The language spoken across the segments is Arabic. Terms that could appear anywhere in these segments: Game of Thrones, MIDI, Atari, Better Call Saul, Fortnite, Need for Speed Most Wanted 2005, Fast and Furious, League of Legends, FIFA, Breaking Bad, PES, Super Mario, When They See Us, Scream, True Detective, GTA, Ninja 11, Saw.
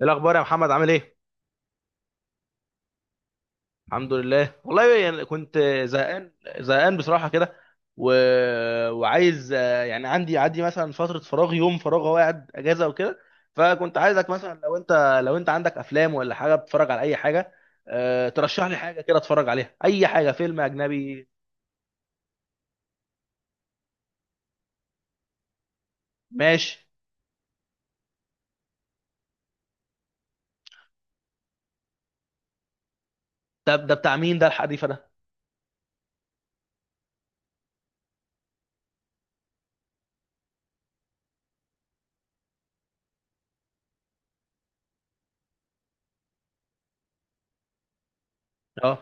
ايه الاخبار يا محمد؟ عامل ايه؟ الحمد لله، والله يعني كنت زهقان، بصراحه كده. و... وعايز، يعني عندي مثلا فتره فراغ، يوم فراغ، هو قاعد اجازه وكده. فكنت عايزك مثلا، لو انت عندك افلام ولا حاجه، بتتفرج على اي حاجه. ترشح لي حاجه كده اتفرج عليها، اي حاجه، فيلم اجنبي. ماشي. ده بتاع مين؟ ده الحديث ده. اه،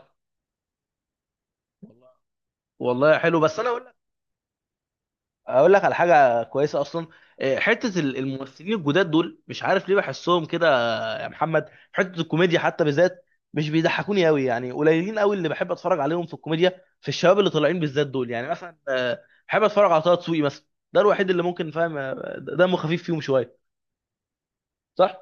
والله حلو. بس انا اقول لك، على حاجه كويسه اصلا. حته الممثلين الجداد دول، مش عارف ليه بحسهم كده يا محمد. حته الكوميديا حتى بالذات مش بيضحكوني قوي، يعني قليلين قوي اللي بحب اتفرج عليهم في الكوميديا، في الشباب اللي طالعين بالذات دول. يعني مثلا بحب اتفرج على طه دسوقي مثلا، ده الوحيد اللي ممكن فاهم، دمه خفيف فيهم شويه. صح.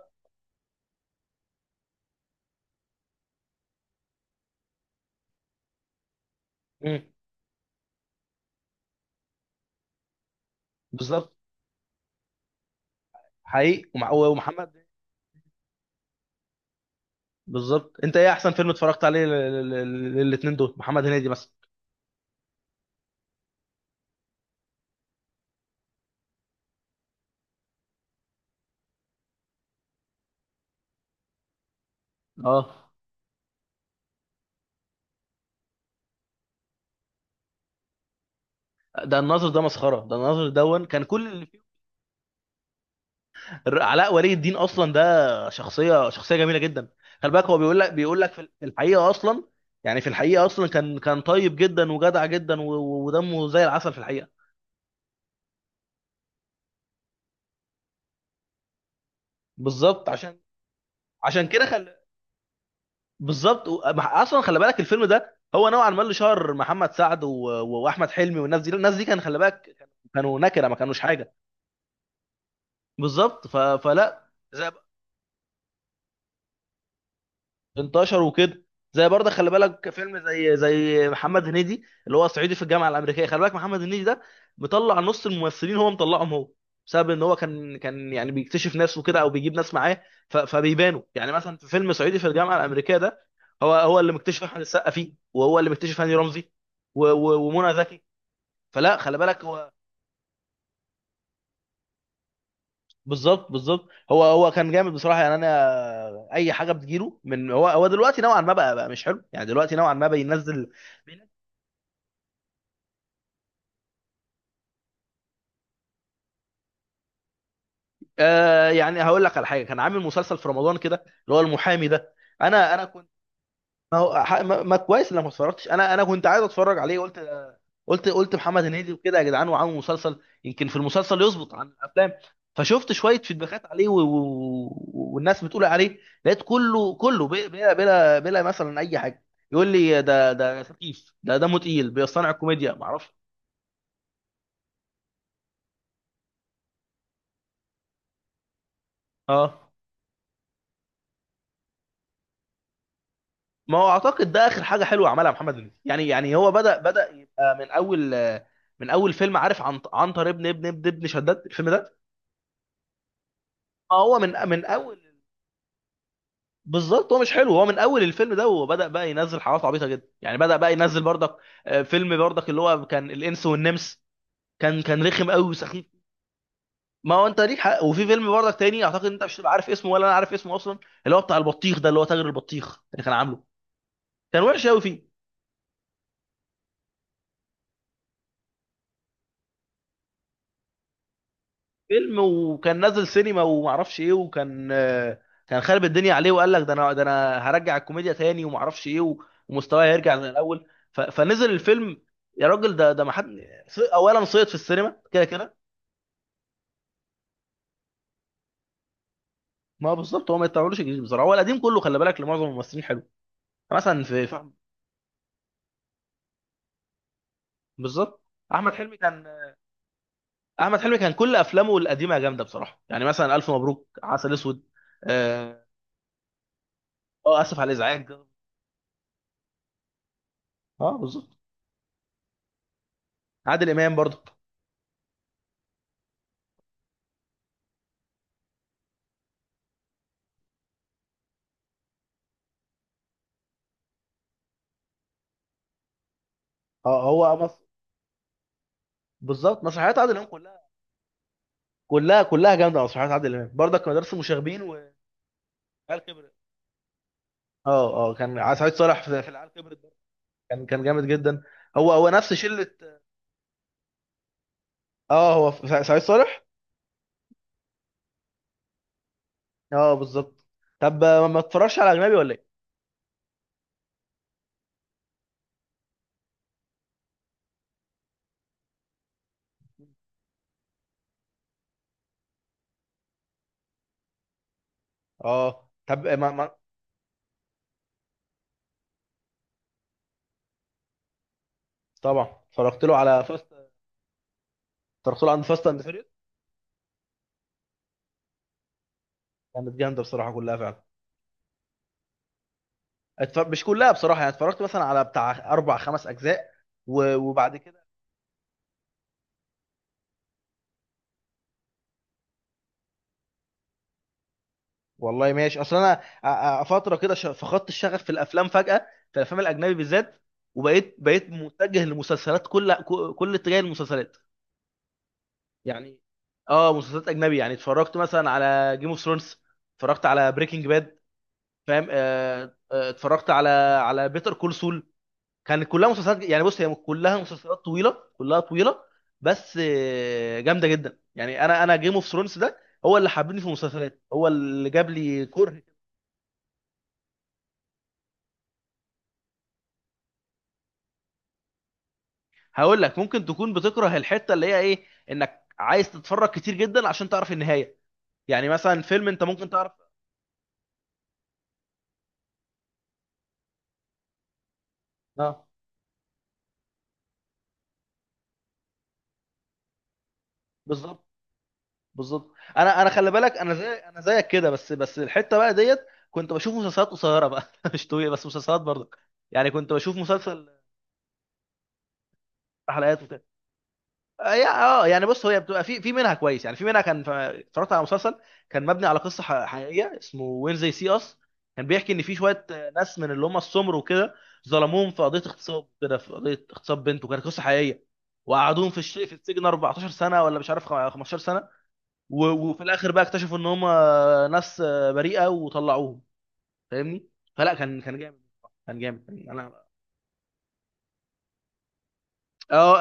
امم بالظبط، حقيقي. ومحمد بالظبط. انت ايه احسن فيلم اتفرجت عليه للاثنين دول، محمد هنيدي مثلا؟ اه، ده الناظر ده مسخره. ده الناظر دون كان كل اللي... علاء ولي الدين اصلا ده شخصيه، جميله جدا. خلي بالك هو بيقول لك، في الحقيقه اصلا، يعني في الحقيقه اصلا كان، طيب جدا وجدع جدا، ودمه زي العسل في الحقيقه. بالظبط، عشان كده بالظبط. اصلا خلي بالك الفيلم ده هو نوعا ما اللي شهر محمد سعد واحمد حلمي، والناس دي، الناس دي كان خلي بالك كانوا نكره، ما كانوش حاجه. بالظبط. فلا، انتشر وكده. زي برضه خلي بالك فيلم زي محمد هنيدي اللي هو صعيدي في الجامعه الامريكيه. خلي بالك محمد هنيدي ده مطلع نص الممثلين، هو مطلعهم هو، بسبب ان هو كان، يعني بيكتشف ناس وكده، او بيجيب ناس معاه. فبيبانوا. يعني مثلا في فيلم صعيدي في الجامعه الامريكيه ده، هو اللي مكتشف احمد السقا فيه، وهو اللي مكتشف هاني رمزي ومنى زكي. فلا خلي بالك هو. بالظبط، بالظبط. هو كان جامد بصراحه، يعني انا اي حاجه بتجيله من هو، دلوقتي نوعا ما بقى مش حلو، يعني دلوقتي نوعا ما بينزل. آه، يعني هقول لك على حاجه. كان عامل مسلسل في رمضان كده، اللي هو المحامي ده. انا كنت... ما هو ما كويس انك ما اتفرجتش. انا كنت عايز اتفرج عليه، قلت، محمد هنيدي وكده يا جدعان، وعامل مسلسل، يمكن في المسلسل يظبط عن الافلام. فشفت شويه فيدباكات عليه والناس بتقول عليه، لقيت كله كله بلا بلا بلا، بلا، مثلا اي حاجه. يقول لي ده خفيف، ده دمه تقيل، بيصنع الكوميديا، ما اعرفش. اه، ما هو اعتقد ده اخر حاجه حلوه عملها محمد هنيدي. يعني، هو بدا، يبقى من اول، من اول فيلم، عارف، عن عنتر ابن شداد، الفيلم ده. ما هو من اول. بالظبط، هو مش حلو. هو من اول الفيلم ده وهو بدا بقى ينزل حاجات عبيطه جدا. يعني بدا بقى ينزل برضك، فيلم برضك اللي هو كان الانس والنمس، كان، رخم قوي وسخيف. ما هو انت ليك حق. وفي فيلم برضك تاني، اعتقد انت مش هتبقى عارف اسمه، ولا انا عارف اسمه اصلا، اللي هو بتاع البطيخ ده، اللي هو تاجر البطيخ اللي كان عامله. كان وحش قوي فيه فيلم، وكان نازل سينما ومعرفش ايه، وكان، كان خارب الدنيا عليه، وقال لك ده انا هرجع الكوميديا تاني، ومعرفش ايه، ومستواه هيرجع زي الاول. فنزل الفيلم، يا راجل ده ما حد... اولا صيد في السينما كده كده. ما هو بالظبط، هو ما يطلعولوش الجديد بصراحه. هو القديم كله خلي بالك لمعظم الممثلين حلو. مثلا بالظبط. احمد حلمي كان، احمد حلمي كان كل افلامه القديمه جامده بصراحه، يعني مثلا الف مبروك، عسل اسود. اه. آه، اسف على الازعاج. اه بالظبط. عادل امام برضه. اه هو بالظبط. مسرحيات عادل امام كلها، كلها كلها جامده. مسرحيات عادل امام برضك، مدرسه مشاغبين والعيال كبرت. اه، اه، كان سعيد صالح في، العيال كبرت برضه. كان جامد جدا. هو نفس شله. اه، هو في سعيد صالح. اه بالظبط. طب، ما اتفرجش على اجنبي ولا ايه؟ اه. طب، آه، ما... ما... طبعا. اتفرجت له عند فاست اند فيريوس. كانت جامده بصراحه كلها فعلا. مش كلها بصراحه، يعني اتفرجت مثلا على بتاع اربع خمس اجزاء وبعد كده. والله ماشي. اصل انا فتره كده، فقدت الشغف في الافلام فجاه، في الافلام الاجنبي بالذات. وبقيت متجه للمسلسلات. كل اتجاه المسلسلات يعني. اه، مسلسلات اجنبي. يعني اتفرجت مثلا على جيم اوف ثرونز، اتفرجت على بريكنج باد، فاهم؟ اتفرجت على، بيتر كول سول. كانت كلها مسلسلات، يعني بص هي كلها مسلسلات طويله، كلها طويله، بس جامده جدا. يعني انا جيم اوف ثرونز ده هو اللي حببني في المسلسلات، هو اللي جاب لي كره. هقول لك، ممكن تكون بتكره الحته اللي هي ايه، انك عايز تتفرج كتير جدا عشان تعرف النهايه. يعني مثلا فيلم انت ممكن تعرف. اه بالظبط، بالظبط. انا خلي بالك انا زيك كده، بس الحته بقى ديت. كنت بشوف مسلسلات قصيره بقى مش طويله بس مسلسلات برضك. يعني كنت بشوف مسلسل حلقات، يعني بص هي بتبقى في، منها كويس يعني، في منها كان، اتفرجت على مسلسل كان مبني على قصه حقيقيه، اسمه وين زي سي اس. كان بيحكي ان في شويه ناس من اللي هم السمر وكده، ظلموهم في قضيه اغتصاب كده، في قضيه اغتصاب بنت، وكانت قصه حقيقيه. وقعدوهم في في السجن 14 سنه، ولا مش عارف، 15 سنه. وفي الاخر بقى اكتشفوا ان هم، ناس بريئه، وطلعوهم. فاهمني. فلا كان جامد. كان جامد انا. اه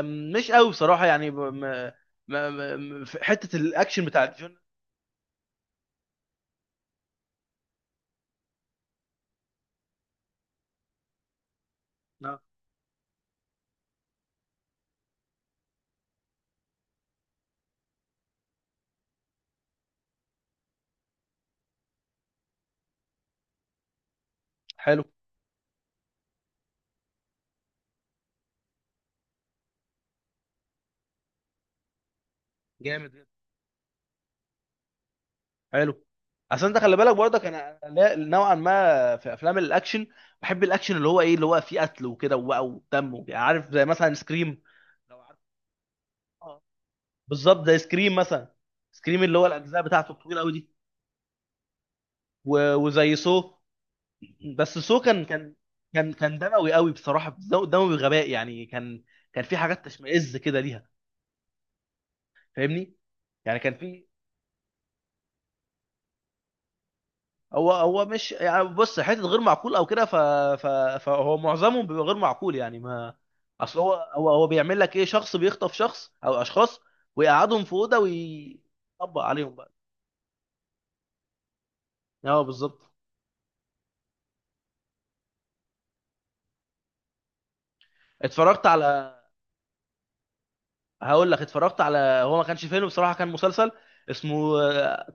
مش قوي بصراحه. يعني في حته الاكشن بتاع الفيلم. لا، حلو، جامد جدا، حلو. عشان انت خلي بالك برضك انا أنا لا- نوعا ما في افلام الاكشن، بحب الاكشن اللي هو ايه، اللي هو فيه قتل وكده، وبقى ودم وكده. عارف زي مثلا سكريم، لو عارف. اه، بالظبط. زي سكريم مثلا. سكريم اللي هو الاجزاء بتاعته الطويله قوي دي، وزي سو. بس سو كان، كان دموي قوي بصراحه، دموي غباء يعني، كان، كان في حاجات تشمئز كده ليها. فاهمني. يعني كان في. هو مش، يعني بص حته غير معقول او كده، ف... فهو معظمه بيبقى غير معقول يعني. ما اصل هو بيعمل لك ايه: شخص بيخطف شخص او اشخاص، ويقعدهم في اوضه ويطبق عليهم بقى. اه بالظبط. اتفرجت على هقول لك، اتفرجت على، هو ما كانش فيلم بصراحه، كان مسلسل اسمه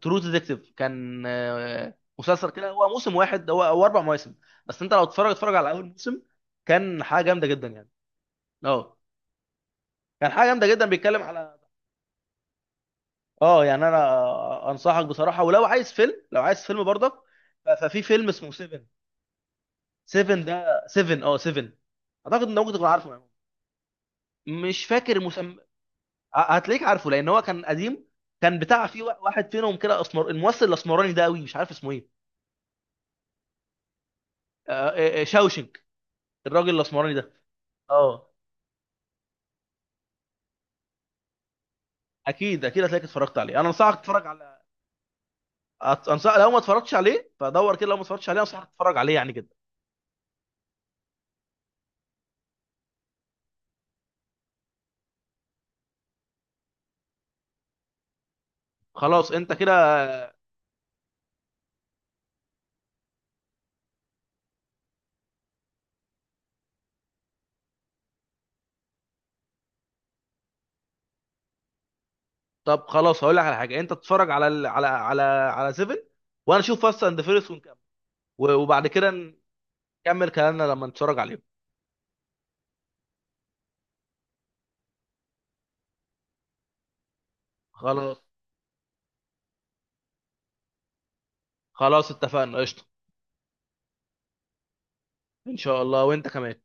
ترو ديتكتيف. كان مسلسل كده، هو موسم واحد هو، او اربع مواسم. بس انت لو تتفرج اتفرج على اول موسم. كان حاجه جامده جدا يعني. اه، كان حاجه جامده جدا، بيتكلم على... اه يعني، انا انصحك بصراحه. ولو عايز فيلم، برضك، ففي فيلم اسمه 7. 7 ده 7 اه 7. اعتقد ان ممكن تكون عارفه يعني. مش فاكر مسم. هتلاقيك عارفه لان هو كان قديم. كان بتاع فيه واحد فينهم كده اسمر، الممثل الاسمراني ده قوي، مش عارف اسمه ايه. شاوشنك. الراجل الاسمراني ده. اه، اكيد اكيد هتلاقيك اتفرجت عليه. انا انصحك تتفرج على... انصح، لو ما اتفرجتش عليه فدور كده. لو ما اتفرجتش عليه انصحك تتفرج عليه يعني كده. خلاص انت كده. طب خلاص هقول لك على حاجه: انت تتفرج على ال... على على على 7، وانا اشوف فاست اند فيرس ونكمل، وبعد كده نكمل كلامنا لما نتفرج عليهم. خلاص. خلاص اتفقنا، قشطه. ان شاء الله، وانت كمان.